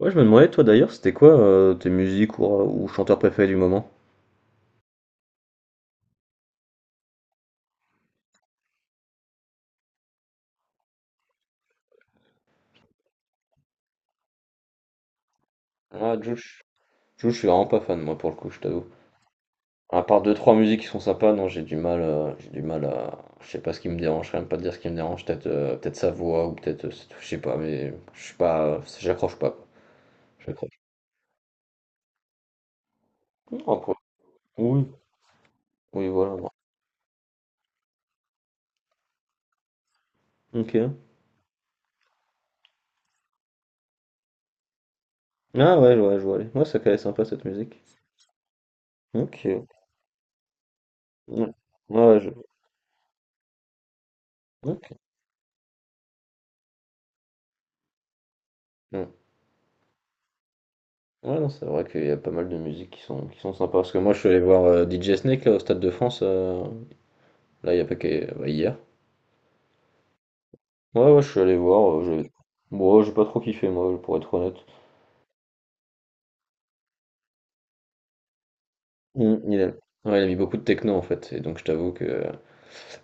Ouais, je me demandais, toi d'ailleurs, c'était quoi tes musiques ou chanteurs préférés du moment? Ah, Jules, je suis vraiment pas fan, moi, pour le coup, je t'avoue. À part deux, trois musiques qui sont sympas, non, j'ai du mal à. Je sais pas ce qui me dérange, je sais même pas te dire ce qui me dérange, peut-être sa voix, ou c'est tout, je sais pas, mais je suis pas. J'accroche pas, quoi. J'accroche. Non, quoi. Oui. Oui, voilà, non. Ok. Ah, ouais, ouais, je vois, aller. Ouais, ça calait sympa, cette musique. Ok. Ouais, ouais, je. Ok. Ouais. Ouais, non, c'est vrai qu'il y a pas mal de musiques qui sont sympas. Parce que moi, je suis allé voir DJ Snake là, au Stade de France, là, il y a pas qu'à- bah, hier. Ouais, ouais, je suis allé voir. Bon, ouais, j'ai pas trop kiffé, moi, pour être honnête. Mm, il a... ouais, il a mis beaucoup de techno, en fait. Et donc, je t'avoue que,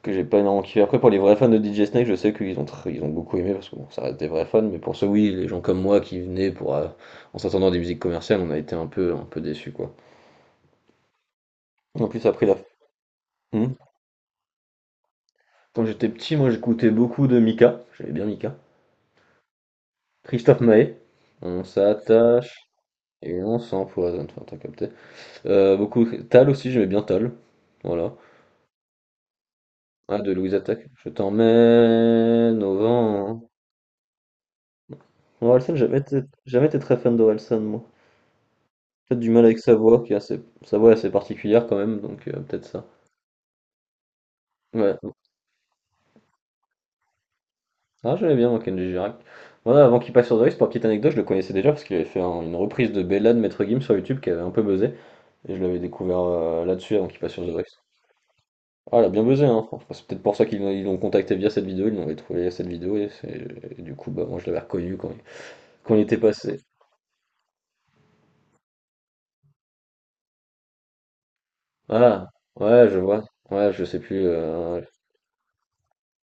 que j'ai pas énormément kiffé. Après, pour les vrais fans de DJ Snake, je sais qu'ils ont, tr- ils ont beaucoup aimé, parce que bon, ça reste des vrais fans. Mais pour ceux, oui, les gens comme moi qui venaient en s'attendant à des musiques commerciales, on a été un peu déçus, quoi. En plus, après, la. Mm. Quand j'étais petit, moi, j'écoutais beaucoup de Mika. J'aimais bien Mika. Christophe Maé. On s'attache et on s'empoisonne. Enfin, t'as capté. Beaucoup. Tal aussi, j'aimais bien Tal. Voilà. Ah, de Louise Attaque. Je t'emmène au vent. Orelsan, jamais été très fan d'Orelsan, moi. Peut-être du mal avec sa voix, sa voix est assez particulière quand même, donc peut-être ça. Ouais. Ah, j'aimais bien, moi, Kenji Girac. Voilà, avant qu'il passe sur The Voice, pour petite anecdote, je le connaissais déjà parce qu'il avait fait une reprise de Bella de Maître Gims sur YouTube qui avait un peu buzzé. Et je l'avais découvert là-dessus avant qu'il passe sur The Voice. Ah, elle a bien buzzé, hein. Enfin, c'est peut-être pour ça qu'ils l'ont- ils l'ont contacté via cette vidéo, ils l'ont trouvé cette vidéo, et du coup, bah, moi je l'avais reconnu quand il était passé. Ah, ouais, je vois. Ouais, je sais plus. euh,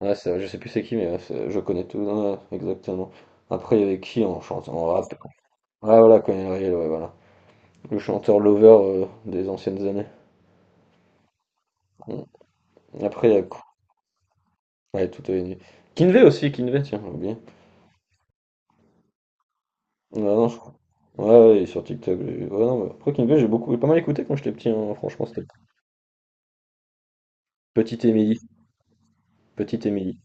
ouais, c'est- Je sais plus c'est qui, mais je connais tout, ouais, exactement. Après, il y avait qui en chantant en rap? Ah, voilà, Conan Riel, ouais, voilà. Le chanteur Lover des anciennes années. Mm. Après, il y a quoi. Ouais, tout est nu. Kinvey aussi, Kinvey, tiens, j'ai oublié. Ouais, non, je crois. Ouais, ouais, il est sur TikTok. Ouais, non, mais après Kinvey, j'ai beaucoup, pas mal écouté quand j'étais petit, hein, franchement, c'était Petite Émilie, Petite Émilie.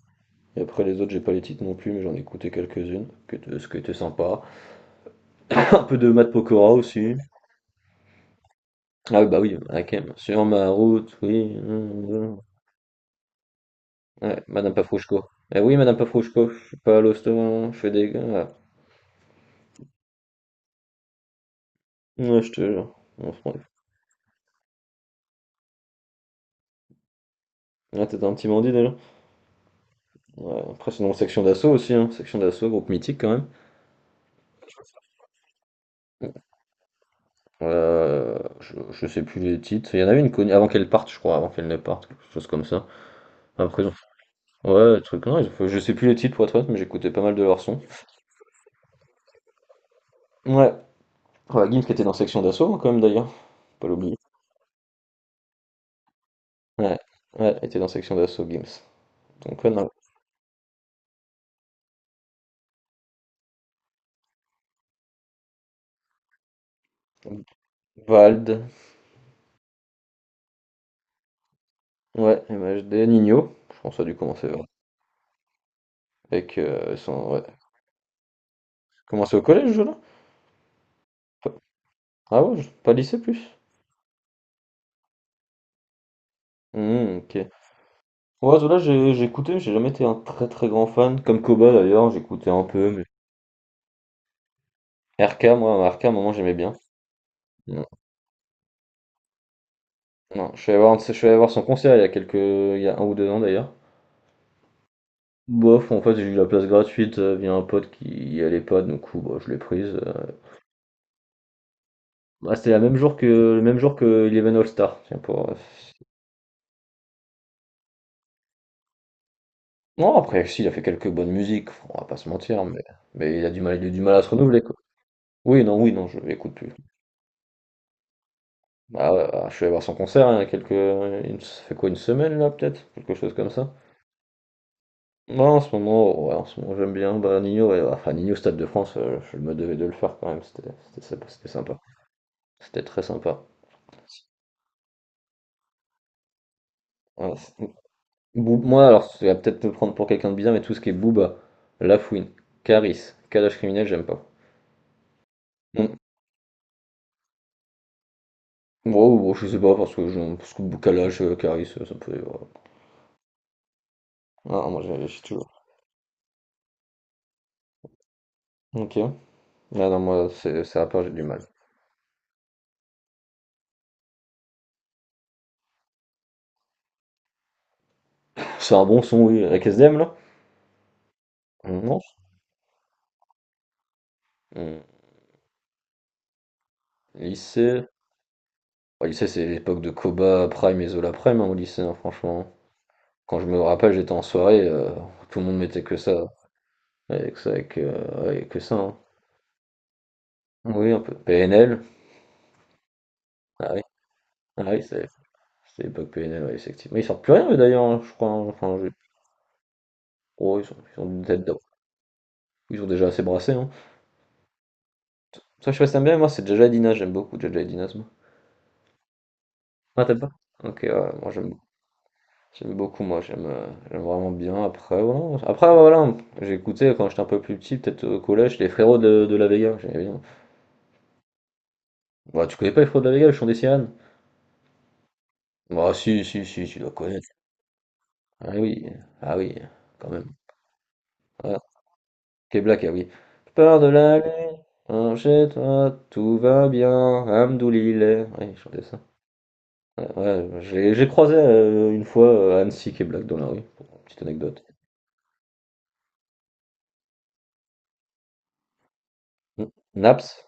Et après les autres, j'ai pas les titres non plus, mais j'en ai écouté quelques-unes, que ce qui était sympa. Un peu de Matt Pokora aussi. Ah oui, bah oui, ah, sur ma route, oui. Hum, hum. Ouais, Madame Pafrouchko. Eh oui, Madame Pafrouchko, je suis pas à l'hosto, je fais des gars. Ouais, je te jure. Ah, t'étais un petit bandit déjà. Ouais, après, sinon, section d'assaut aussi, hein. Section d'assaut, groupe mythique quand même. Je sais plus les titres. Il y en avait une connue avant qu'elle parte, je crois, avant qu'elle ne parte, quelque chose comme ça. Après, Ouais, truc, non, je sais plus les titres pour être honnête, mais j'écoutais pas mal de leurs sons. Ouais, ouais, Gims qui était dans section d'assaut, hein, quand même d'ailleurs, faut pas l'oublier. Ouais, ouais, était dans section d'assaut, Gims. Donc, ouais, non. Vald, ouais, MHD Nino, je pense que ça a dû commencer vers. Avec son. Ouais. Commencé au collège, Zola? Ah ouais, pas lycée plus? Hmm, ok. Ouais, Zola, j'ai écouté, mais j'ai jamais été un très très grand fan. Comme Koba d'ailleurs, j'écoutais un peu, mais. RK, à un moment, j'aimais bien. Non, je suis allé voir son concert il y a un ou deux ans d'ailleurs. Bof, en fait j'ai eu la place gratuite via un pote qui y allait pas, du coup bah, je l'ai prise. Bah, c'était la même jour que le même jour que Eleven All Star. Tiens pour. Non après si il a fait quelques bonnes musiques, on va pas se mentir, mais il a du mal à se renouveler quoi. Oui non oui non je l'écoute plus. Bah, ouais, bah, je suis allé voir son concert hein, il y a quelques, il me- ça fait quoi une semaine là peut-être, quelque chose comme ça. Moi en ce moment, ouais, En ce moment j'aime bien bah, Nino, ouais, enfin Nino au Stade de France, je me devais de le faire quand même, c'était sympa, c'était sympa. C'était très sympa. Ouais, c'est- Moi alors, ça va peut-être me prendre pour quelqu'un de bizarre, mais tout ce qui est Booba, Lafouine, Caris, Kalash criminel, j'aime pas. Mm. Bon, je sais pas, parce que Kalash, Caris, ça me fait. Voilà. Ah, moi j'ai toujours. Ok. Ah non, moi, c'est à part, j'ai du mal. C'est un bon son, oui, avec SDM là? Non. Mm. Lycée. Au lycée, c'est l'époque de Koba Prime et Zola Prime, hein, au lycée, hein, franchement. Quand je me rappelle, j'étais en soirée, tout le monde mettait que ça. Ouais, que ça, hein. Oui, un peu. PNL. Ah oui, ah oui, c'est l'époque PNL, ouais, effectivement. Ils sortent plus rien, eux, d'ailleurs, hein, je crois, hein. Oh, ils sont peut-être ils ont déjà assez brassé, hein. Ça, je sais pas si t'aimes bien, moi, c'est Jaja et Dina, j'aime beaucoup Jaja et Dina, c'est bon. Ah, t'aimes pas? Ok, ouais, moi, j'aime beaucoup, moi, j'aime vraiment bien. Après, voilà. J'ai écouté quand j'étais un peu plus petit, peut-être au collège, les frérots de la Vega, j'aimais bien. Bah, tu connais pas les frérots de la Vega, ils sont des sirènes? Bah, si, si, si, tu dois connaître. Ah oui, ah oui, quand même. Ah, Key Black, ah oui. Peur de la nuit, chez toi, tout va bien, Hamdoulilé. Oui, je chantais ça. Ouais, ouais, j'ai croisé une fois Annecy Key Black dans la rue, pour une petite anecdote. Hmm. Naps?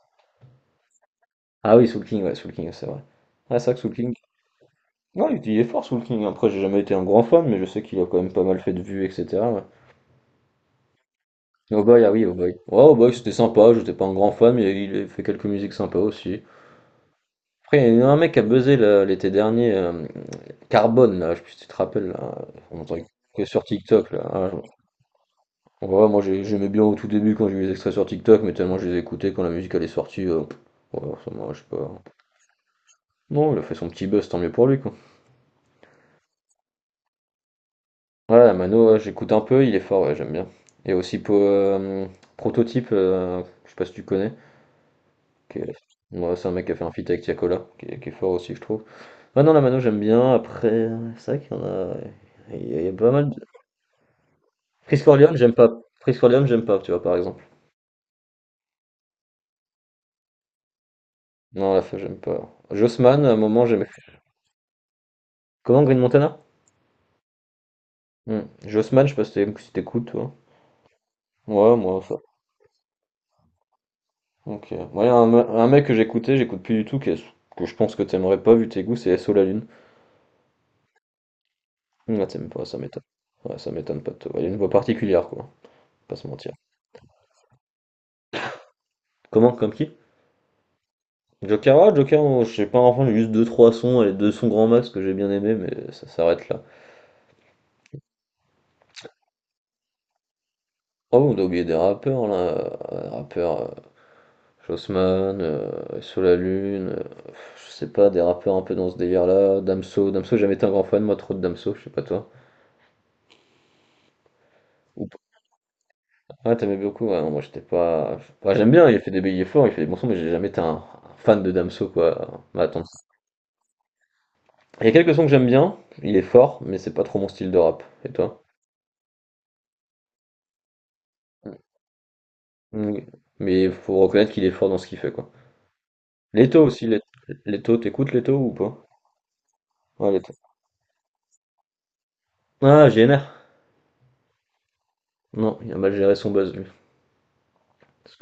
Ah oui, Soul King, ouais, Soul King, c'est vrai. Ah, c'est vrai que Soul King. Non, il est fort sous le King. Après, j'ai jamais été un grand fan, mais je sais qu'il a quand même pas mal fait de vues, etc. Ouais. Oh boy, ah oui, oh boy. Ouais, oh boy, c'était sympa. J'étais pas un grand fan, mais il a fait quelques musiques sympas aussi. Après, il y a un mec qui a buzzé là, l'été dernier, Carbone, là, je sais pas si tu te rappelles, là. On entendait que sur TikTok, là. Ouais, moi, j'aimais bien au tout début quand j'ai vu les extraits sur TikTok, mais tellement je les écoutais quand la musique elle est sortie, ouais, je sais pas. Non, il a fait son petit buzz, tant mieux pour lui, quoi. Ouais, Mano, ouais, j'écoute un peu, il est fort, ouais, j'aime bien. Et aussi pour Prototype, je sais pas si tu connais, qui est- ouais, c'est un mec qui a fait un feat avec Tiakola, qui est fort aussi, je trouve. Ah non, la Mano, j'aime bien. Après, c'est vrai qu'il y en a, il y a pas mal Chris Corleone, j'aime pas. Chris Corleone, j'aime pas, tu vois, par exemple. Non, la fin, j'aime pas. Jossman, à un moment, j'aimais. Comment Green Montana? Hmm. Jossman, je sais pas si si t'écoutes, toi. Ouais, moi, ça. Ok. Moi, y a un, me- un mec que j'écoutais, j'écoute plus du tout, que je pense que t'aimerais pas vu tes goûts, c'est SO La Lune. Ah, t'aimes pas, ça m'étonne. Ouais, ça m'étonne pas de toi. Il a une voix particulière, quoi. Pas se mentir. Comment, comme qui? Joker, oh, je sais pas, enfin, j'ai juste deux trois sons, les deux sons grand max que j'ai bien aimé, mais ça s'arrête là. Oh, on a oublié des rappeurs, là. Rappeurs, Jossman, Sous la Lune, je sais pas, des rappeurs un peu dans ce délire-là. Damso, j'ai jamais été un grand fan, moi, trop de Damso, je sais pas toi. Ou pas. Ah, t'aimais beaucoup, ouais, non, moi, j'étais pas. Enfin, j'aime bien, il fait des billets forts, il fait des bons sons, mais j'ai jamais été un fan de Damso, quoi. Mais attends Il y a quelques sons que j'aime bien, il est fort, mais c'est pas trop mon style de rap. Et toi? Oui. Mais il faut reconnaître qu'il est fort dans ce qu'il fait, quoi. Leto aussi, Let- Leto, t'écoutes Leto ou pas? Ouais, Leto. Ah, GNR. Non, il a mal géré son buzz, lui. Parce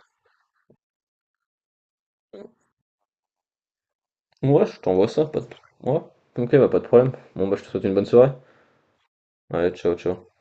Ouais, je t'envoie ça, pas de. Ouais, ok, bah pas de problème. Bon, bah je te souhaite une bonne soirée. Allez, ciao, ciao.